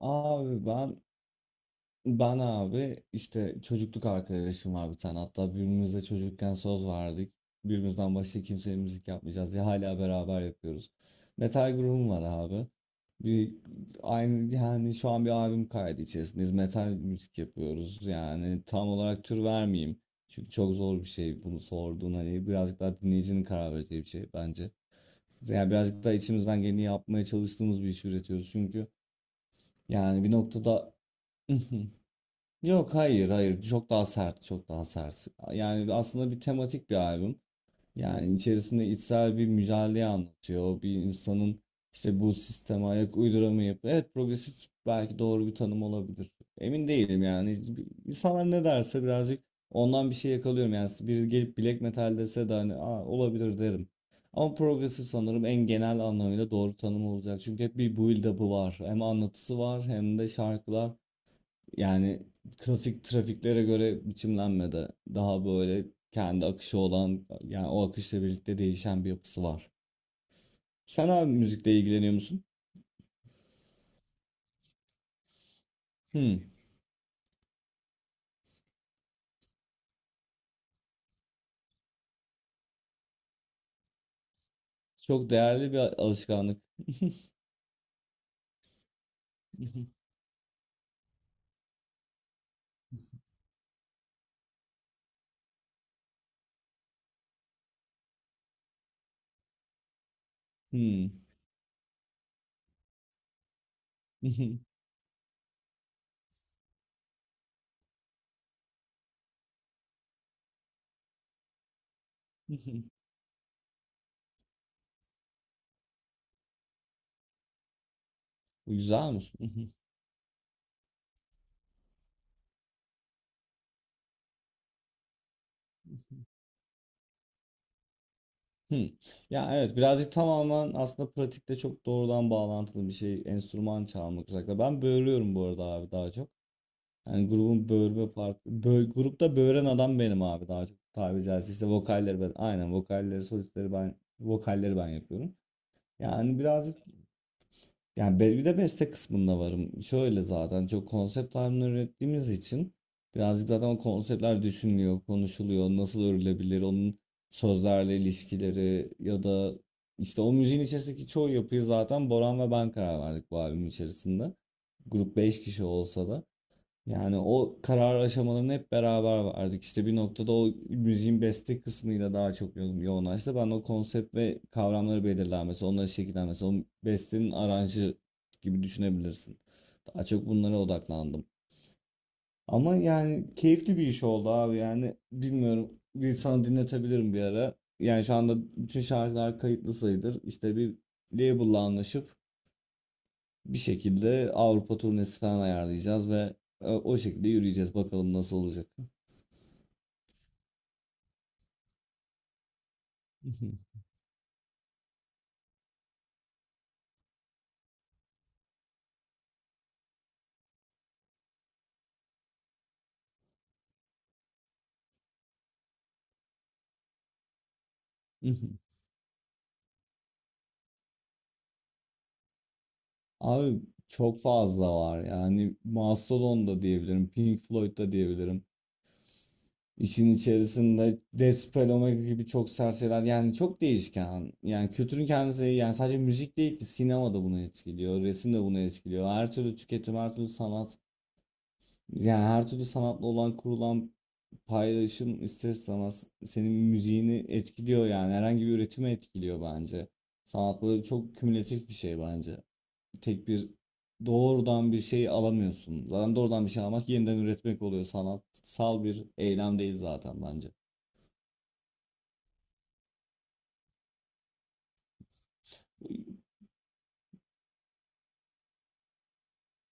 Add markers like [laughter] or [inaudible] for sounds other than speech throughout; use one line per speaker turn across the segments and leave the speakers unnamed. Abi ben abi işte çocukluk arkadaşım var bir tane. Hatta birbirimize çocukken söz verdik. Birbirimizden başka kimseye müzik yapmayacağız diye hala beraber yapıyoruz. Metal grubum var abi. Bir aynı yani şu an bir albüm kaydı içerisindeyiz. Metal müzik yapıyoruz. Yani tam olarak tür vermeyeyim. Çünkü çok zor bir şey bunu sorduğun, hani birazcık daha dinleyicinin karar vereceği bir şey bence. Yani birazcık daha içimizden geleni yapmaya çalıştığımız bir iş üretiyoruz çünkü yani bir noktada [laughs] Yok, hayır hayır, çok daha sert, çok daha sert. Yani aslında bir tematik bir albüm. Yani içerisinde içsel bir mücadeleyi anlatıyor. Bir insanın işte bu sisteme ayak uyduramayıp, evet, progresif belki doğru bir tanım olabilir. Emin değilim yani. İnsanlar ne derse birazcık ondan bir şey yakalıyorum. Yani biri gelip black metal dese de hani, aa, olabilir derim. Ama progresif sanırım en genel anlamıyla doğru tanım olacak. Çünkü hep bir build up'ı var. Hem anlatısı var hem de şarkılar. Yani klasik trafiklere göre biçimlenmedi. Daha böyle kendi akışı olan, yani o akışla birlikte değişen bir yapısı var. Sen abi müzikle ilgileniyor musun? Hmm, çok değerli bir alışkanlık. [laughs] Hmm. [laughs] Bu güzelmiş. [laughs] Hmm. Ya evet, birazcık tamamen aslında pratikte çok doğrudan bağlantılı bir şey enstrüman çalmak özellikle. Ben böğürüyorum bu arada abi, daha çok. Yani grubun böğürme parti. Grupta böğüren adam benim abi, daha çok tabiri caizse. İşte vokalleri ben. Aynen, vokalleri, solistleri ben, vokalleri ben yapıyorum. Yani birazcık, yani bir de beste kısmında varım. Şöyle, zaten çok konsept halinde ürettiğimiz için birazcık zaten o konseptler düşünülüyor, konuşuluyor. Nasıl örülebilir onun sözlerle ilişkileri ya da işte o müziğin içerisindeki çoğu yapıyı zaten Boran ve ben karar verdik bu albüm içerisinde. Grup 5 kişi olsa da. Yani o karar aşamalarını hep beraber verdik. İşte bir noktada o müziğin beste kısmıyla daha çok yoğunlaştı. Ben o konsept ve kavramları belirlenmesi, onları şekillenmesi, o bestenin aranjı gibi düşünebilirsin. Daha çok bunlara odaklandım. Ama yani keyifli bir iş oldu abi, yani bilmiyorum, bir sana dinletebilirim bir ara. Yani şu anda bütün şarkılar kayıtlı sayılır. İşte bir label'la anlaşıp bir şekilde Avrupa turnesi falan ayarlayacağız ve o şekilde yürüyeceğiz. Bakalım nasıl olacak. [laughs] Abi çok fazla var, yani Mastodon da diyebilirim, Pink Floyd da diyebilirim. İşin içerisinde Death Speloma gibi çok sert şeyler, yani çok değişken. Yani kültürün kendisi, yani sadece müzik değil ki, sinema da bunu etkiliyor, resim de bunu etkiliyor. Her türlü tüketim, her türlü sanat, yani her türlü sanatla olan kurulan paylaşım ister istemez senin müziğini etkiliyor, yani herhangi bir üretimi etkiliyor bence. Sanat böyle çok kümülatif bir şey bence. Tek bir doğrudan bir şey alamıyorsun. Zaten doğrudan bir şey almak yeniden üretmek oluyor. Sanatsal bir eylem değil zaten bence.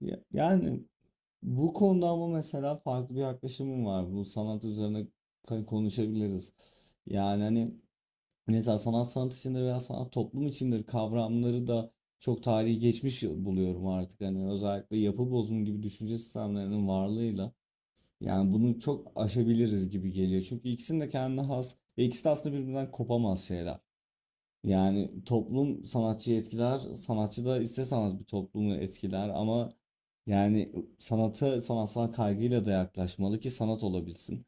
Yani bu konuda ama mesela farklı bir yaklaşımım var. Bu sanat üzerine konuşabiliriz. Yani hani mesela sanat sanat içindir veya sanat toplum içindir kavramları da çok tarihi geçmiş buluyorum artık. Hani özellikle yapı bozumu gibi düşünce sistemlerinin varlığıyla. Yani bunu çok aşabiliriz gibi geliyor. Çünkü ikisinin de kendine has ve ikisi de aslında birbirinden kopamaz şeyler. Yani toplum sanatçıyı etkiler, sanatçı da ister sanat bir toplumu etkiler ama yani sanata sanatsal kaygıyla da yaklaşmalı ki sanat olabilsin.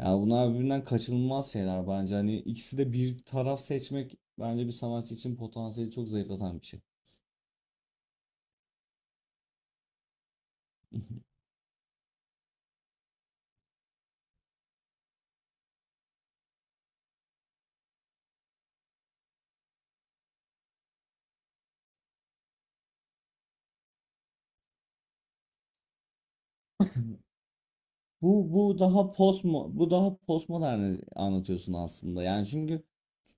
Yani bunlar birbirinden kaçınılmaz şeyler bence. Hani ikisi de, bir taraf seçmek bence bir sanatçı için potansiyeli çok zayıflatan bir şey. Bu daha post, daha postmodern anlatıyorsun aslında. Yani çünkü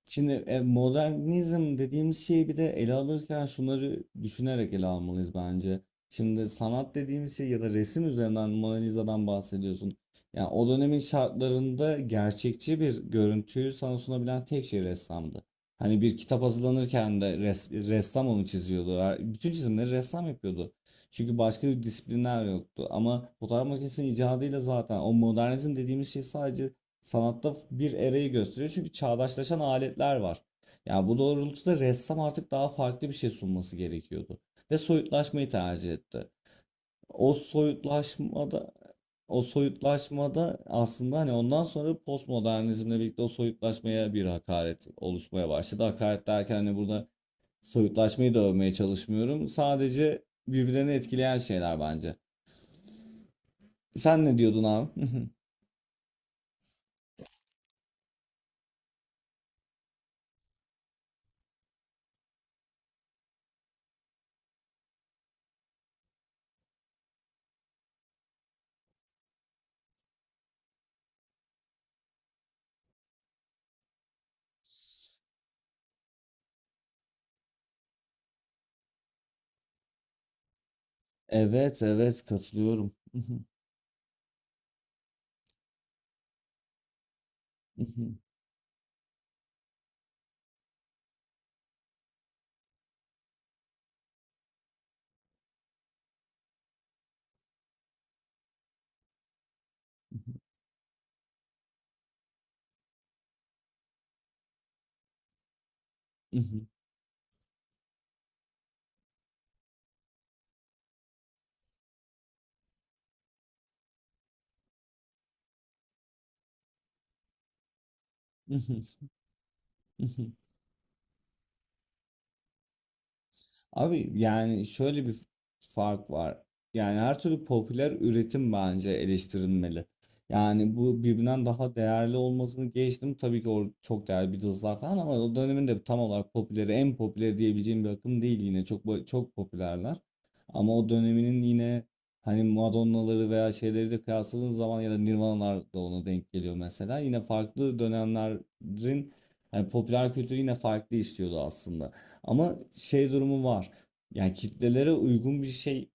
şimdi modernizm dediğimiz şeyi bir de ele alırken şunları düşünerek ele almalıyız bence. Şimdi sanat dediğimiz şey ya da resim üzerinden Mona Lisa'dan bahsediyorsun. Yani o dönemin şartlarında gerçekçi bir görüntüyü sana sunabilen tek şey ressamdı. Hani bir kitap hazırlanırken de ressam onu çiziyordu. Bütün çizimleri ressam yapıyordu. Çünkü başka bir disiplinler yoktu. Ama fotoğraf makinesinin icadıyla zaten o modernizm dediğimiz şey sadece sanatta bir erayı gösteriyor çünkü çağdaşlaşan aletler var. Yani bu doğrultuda ressam artık daha farklı bir şey sunması gerekiyordu ve soyutlaşmayı tercih etti. O soyutlaşmada o soyutlaşmada aslında hani ondan sonra postmodernizmle birlikte o soyutlaşmaya bir hakaret oluşmaya başladı. Hakaret derken hani burada soyutlaşmayı da övmeye çalışmıyorum. Sadece birbirini etkileyen şeyler bence. Sen ne diyordun abi? [laughs] Evet, evet katılıyorum. [laughs] [laughs] Abi yani şöyle bir fark var. Yani her türlü popüler üretim bence eleştirilmeli. Yani bu birbirinden daha değerli olmasını geçtim. Tabii ki o çok değerli Beatles'lar falan, ama o dönemin de tam olarak popüleri, en popüleri diyebileceğim bir akım değil yine. Çok popülerler. Ama o döneminin yine hani Madonna'ları veya şeyleri de kıyasladığın zaman ya da Nirvana'lar da ona denk geliyor mesela. Yine farklı dönemlerin hani popüler kültürü yine farklı işliyordu aslında. Ama şey durumu var. Yani kitlelere uygun bir şey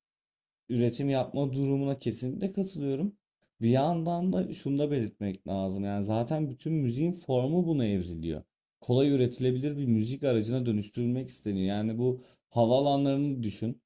üretim yapma durumuna kesinlikle katılıyorum. Bir yandan da şunu da belirtmek lazım. Yani zaten bütün müziğin formu buna evriliyor. Kolay üretilebilir bir müzik aracına dönüştürülmek isteniyor. Yani bu havaalanlarını düşün,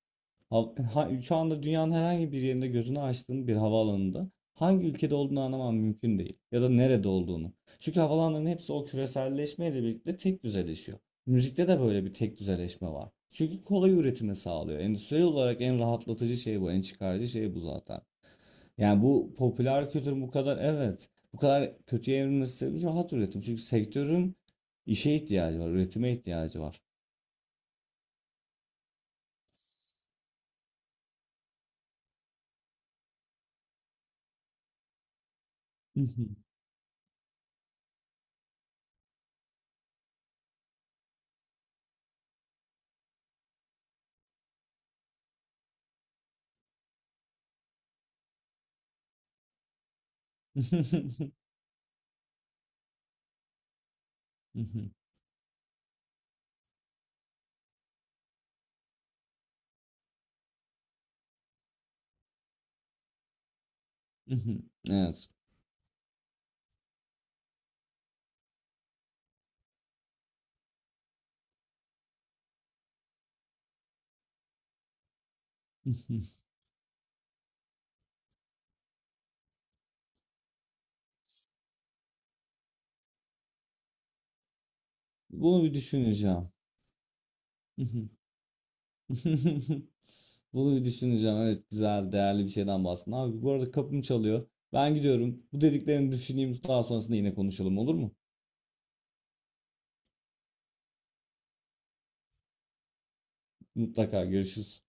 şu anda dünyanın herhangi bir yerinde gözünü açtığın bir havaalanında hangi ülkede olduğunu anlaman mümkün değil. Ya da nerede olduğunu. Çünkü havalanların hepsi o küreselleşmeyle birlikte tek düzeleşiyor. Müzikte de böyle bir tek düzeleşme var. Çünkü kolay üretimi sağlıyor. Endüstriyel olarak en rahatlatıcı şey bu, en çıkarcı şey bu zaten. Yani bu popüler kültür bu kadar, evet, bu kadar kötüye evrilmesi sebebi rahat üretim. Çünkü sektörün işe ihtiyacı var, üretime ihtiyacı var. [laughs] Evet. [laughs] Bunu bir düşüneceğim. [laughs] Bunu bir düşüneceğim. Evet, güzel, değerli bir şeyden bahsettin. Abi bu arada kapım çalıyor. Ben gidiyorum. Bu dediklerini düşüneyim. Daha sonrasında yine konuşalım, olur mu? Mutlaka görüşürüz.